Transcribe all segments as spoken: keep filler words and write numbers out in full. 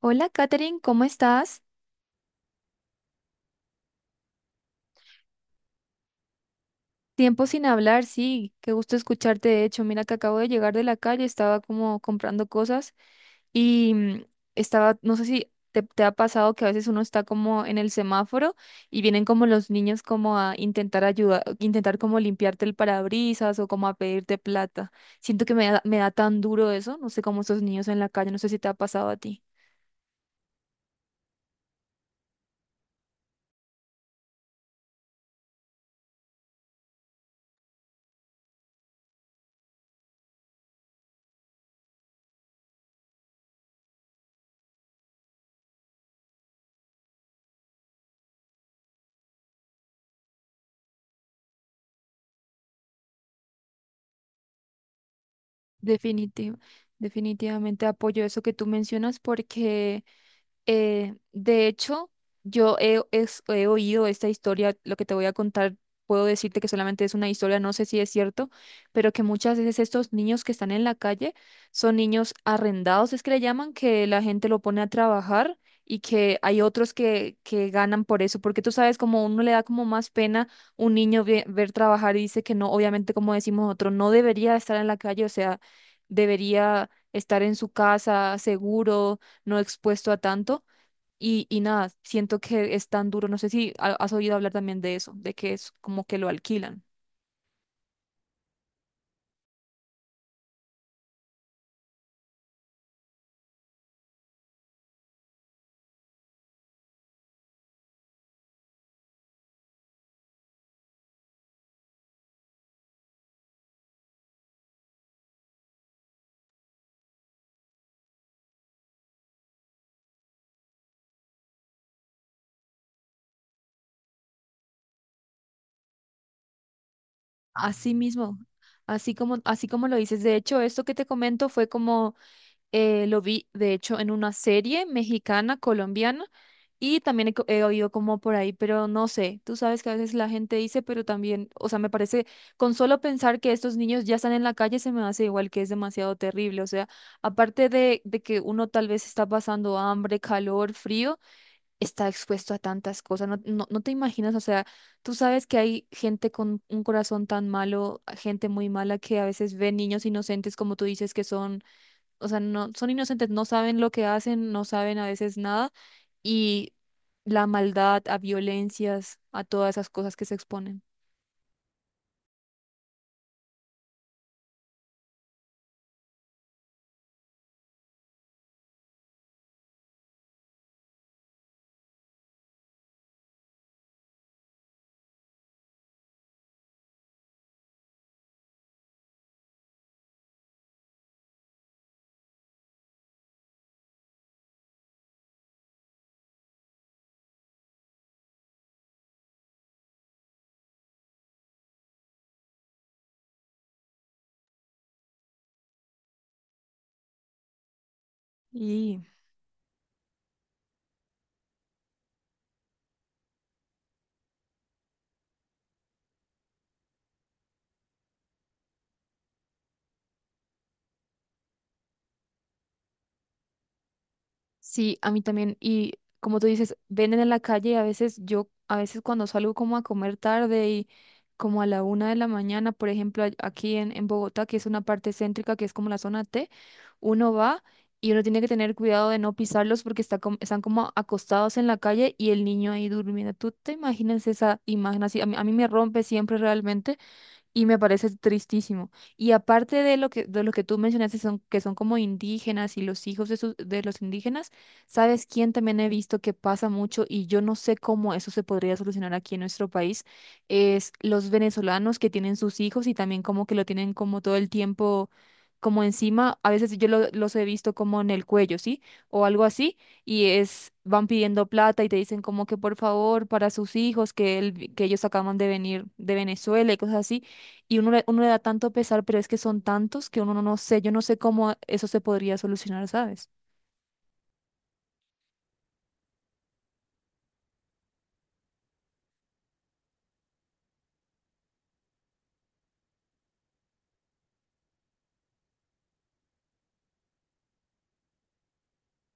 Hola, Katherine, ¿cómo estás? Tiempo sin hablar, sí, qué gusto escucharte. De hecho, mira que acabo de llegar de la calle, estaba como comprando cosas y mm, estaba, no sé si te, te ha pasado que a veces uno está como en el semáforo y vienen como los niños como a intentar ayudar, intentar como limpiarte el parabrisas o como a pedirte plata. Siento que me da, me da tan duro eso, no sé cómo esos niños en la calle, no sé si te ha pasado a ti. Definitivo, definitivamente apoyo eso que tú mencionas porque... Eh, de hecho, yo he, es- he oído esta historia, lo que te voy a contar, puedo decirte que solamente es una historia, no sé si es cierto, pero que muchas veces estos niños que están en la calle son niños arrendados, es que le llaman, que la gente lo pone a trabajar y que hay otros que, que ganan por eso, porque tú sabes, como uno le da como más pena un niño ve- ver trabajar y dice que no, obviamente como decimos otro, no debería estar en la calle, o sea, debería estar en su casa seguro no expuesto a tanto. Y, y nada, siento que es tan duro. No sé si ha- has oído hablar también de eso, de que es como que lo alquilan. Así mismo, así como, así como lo dices. De hecho, esto que te comento fue como. Eh, lo vi, de hecho, en una serie mexicana, colombiana, y también he, co- he oído como por ahí, pero no sé, tú sabes que a veces la gente dice, pero también, o sea, me parece, con solo pensar que estos niños ya están en la calle, se me hace igual que es demasiado terrible, o sea, aparte de, de que uno tal vez está pasando hambre, calor, frío, está expuesto a tantas cosas, no, no, no te imaginas, o sea, tú sabes que hay gente con un corazón tan malo, gente muy mala que a veces ve niños inocentes, como tú dices, que son, o sea, no, son inocentes, no saben lo que hacen, no saben a veces nada y la maldad, a violencias, a todas esas cosas que se exponen. Y sí, a mí también. Y como tú dices, venden en la calle y a veces yo, a veces cuando salgo como a comer tarde y como a la una de la mañana, por ejemplo, a- aquí en, en Bogotá, que es una parte céntrica, que es como la zona T, uno va y uno tiene que tener cuidado de no pisarlos porque está com- están como acostados en la calle y el niño ahí durmiendo. ¿Tú te imaginas esa imagen así? A mí, a mí me rompe siempre realmente y me parece tristísimo. Y aparte de lo que, de lo que tú mencionaste, son, que son como indígenas y los hijos de, sus- de los indígenas, ¿sabes quién también he visto que pasa mucho y yo no sé cómo eso se podría solucionar aquí en nuestro país? Es los venezolanos que tienen sus hijos y también como que lo tienen como todo el tiempo, como encima, a veces yo lo- los he visto como en el cuello, ¿sí? O algo así, y es, van pidiendo plata y te dicen como que por favor para sus hijos, que, el- que ellos acaban de venir de Venezuela y cosas así, y uno le, uno le da tanto pesar, pero es que son tantos que uno no, no sé, yo no sé cómo eso se podría solucionar, ¿sabes?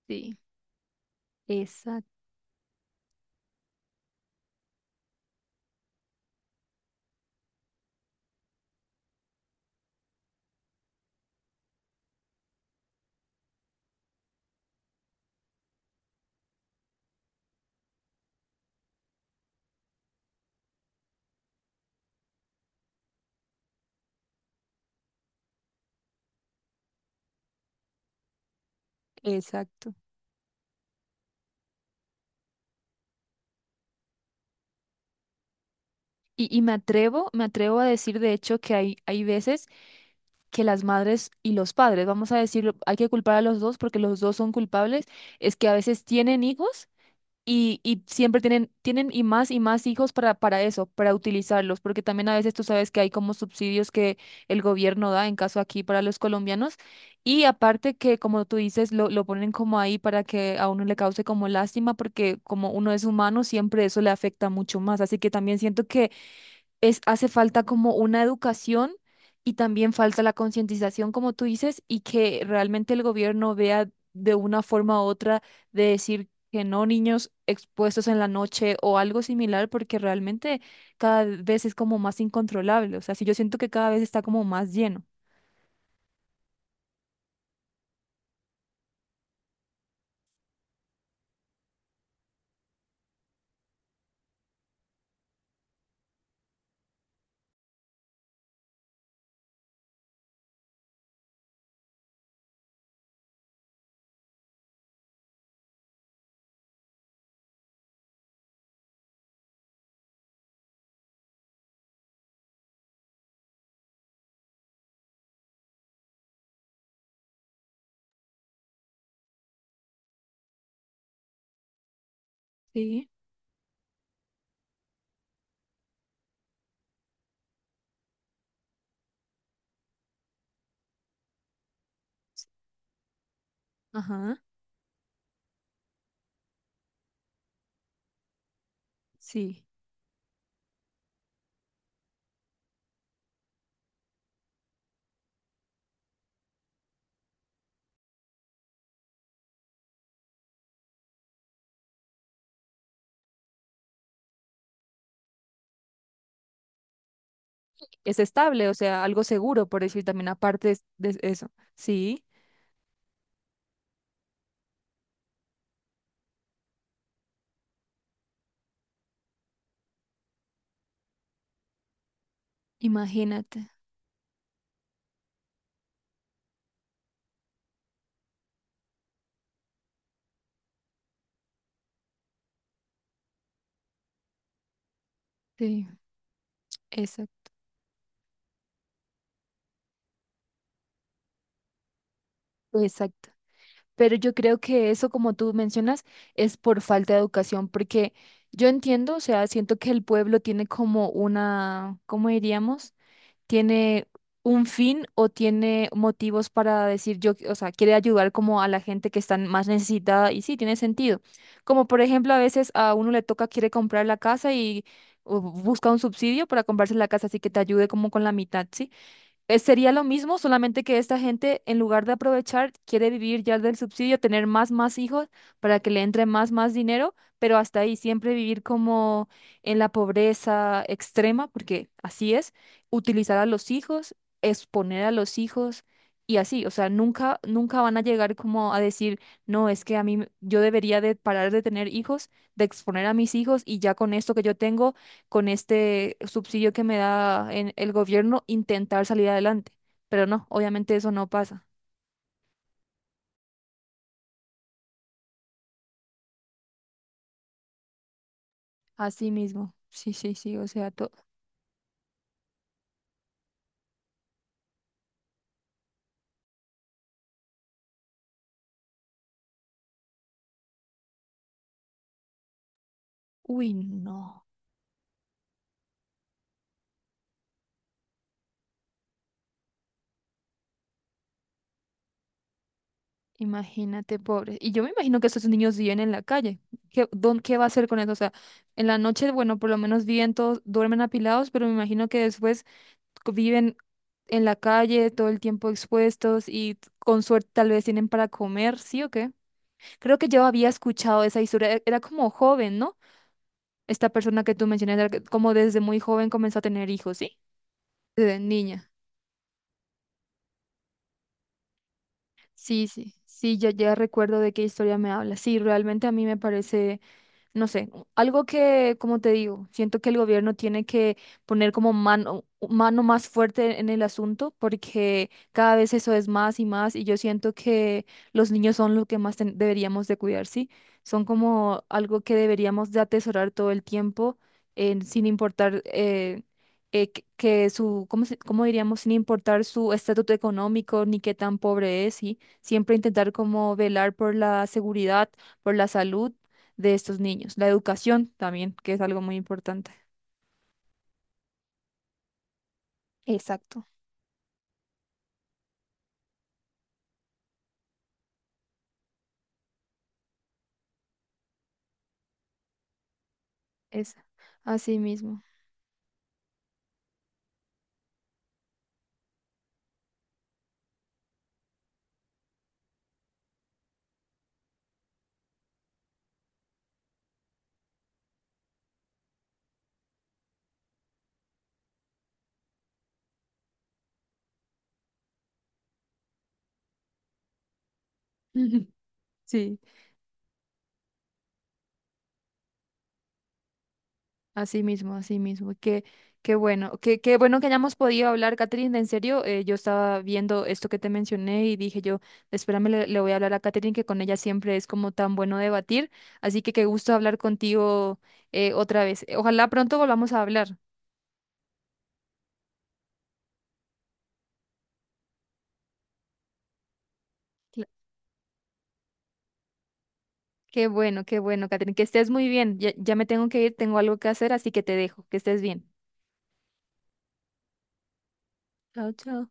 Sí. Exacto, exacto. Y, y me atrevo, me atrevo a decir, de hecho, que hay, hay veces que las madres y los padres, vamos a decirlo, hay que culpar a los dos porque los dos son culpables, es que a veces tienen hijos. Y, y siempre tienen, tienen y más y más hijos para, para eso, para utilizarlos, porque también a veces tú sabes que hay como subsidios que el gobierno da, en caso aquí para los colombianos, y aparte que como tú dices, lo, lo ponen como ahí para que a uno le cause como lástima, porque como uno es humano, siempre eso le afecta mucho más, así que también siento que es, hace falta como una educación y también falta la concientización, como tú dices, y que realmente el gobierno vea de una forma u otra de decir que no niños expuestos en la noche o algo similar, porque realmente cada vez es como más incontrolable. O sea, sí, yo siento que cada vez está como más lleno. Sí, ajá, sí. Es estable, o sea, algo seguro, por decir también, aparte de de eso. Sí, imagínate. Sí, exacto. Pero yo creo que eso, como tú mencionas, es por falta de educación, porque yo entiendo, o sea, siento que el pueblo tiene como una, ¿cómo diríamos? Tiene un fin o tiene motivos para decir yo, o sea, quiere ayudar como a la gente que está más necesitada y sí, tiene sentido. Como por ejemplo, a veces a uno le toca, quiere comprar la casa y o busca un subsidio para comprarse la casa, así que te ayude como con la mitad, ¿sí? Eh, Sería lo mismo, solamente que esta gente, en lugar de aprovechar, quiere vivir ya del subsidio, tener más, más hijos para que le entre más, más dinero, pero hasta ahí siempre vivir como en la pobreza extrema, porque así es, utilizar a los hijos, exponer a los hijos y así, o sea, nunca, nunca van a llegar como a decir, no, es que a mí me- yo debería de parar de tener hijos, de exponer a mis hijos y ya con esto que yo tengo con este subsidio que me da en el gobierno, intentar salir adelante. Pero no, obviamente eso no pasa. Así mismo. Sí, sí, sí, o sea, todo. Uy, no. Imagínate, pobre. Y yo me imagino que esos niños viven en la calle. ¿Qué, dón- qué va a hacer con eso? O sea, en la noche, bueno, por lo menos viven todos, duermen apilados, pero me imagino que después c- viven en la calle todo el tiempo expuestos y t- con suerte tal vez tienen para comer, ¿sí o qué? Creo que yo había escuchado esa historia, e- era como joven, ¿no? Esta persona que tú mencionas, la que- como desde muy joven comenzó a tener hijos, ¿sí? Desde niña. Sí, sí, sí, ya, ya recuerdo de qué historia me habla. Sí, realmente a mí me parece, no sé, algo que, como te digo, siento que el gobierno tiene que poner como mano, mano más fuerte en el asunto porque cada vez eso es más y más y yo siento que los niños son lo que más ten- deberíamos de cuidar, ¿sí? Son como algo que deberíamos de atesorar todo el tiempo en- sin importar... eh, eh, que que su, ¿cómo, se- cómo diríamos? Sin importar su estatuto económico ni qué tan pobre es, ¿sí? Siempre intentar como velar por la seguridad, por la salud de estos niños. La educación también, que es algo muy importante. Exacto, es así mismo. Ujú. Sí, así mismo, así mismo. Qué, qué bueno, qué, qué bueno que hayamos podido hablar, Catherine. En serio, eh, yo estaba viendo esto que te mencioné y dije yo, espérame, le, le voy a hablar a Catherine, que con ella siempre es como tan bueno debatir. Así que qué gusto hablar contigo, eh, otra vez. Ojalá pronto volvamos a hablar. Cla- Qué bueno, qué bueno, Catherine. Que estés muy bien. Ya, ya me tengo que ir, tengo algo que hacer, así que te dejo. Que estés bien. Chao, chao.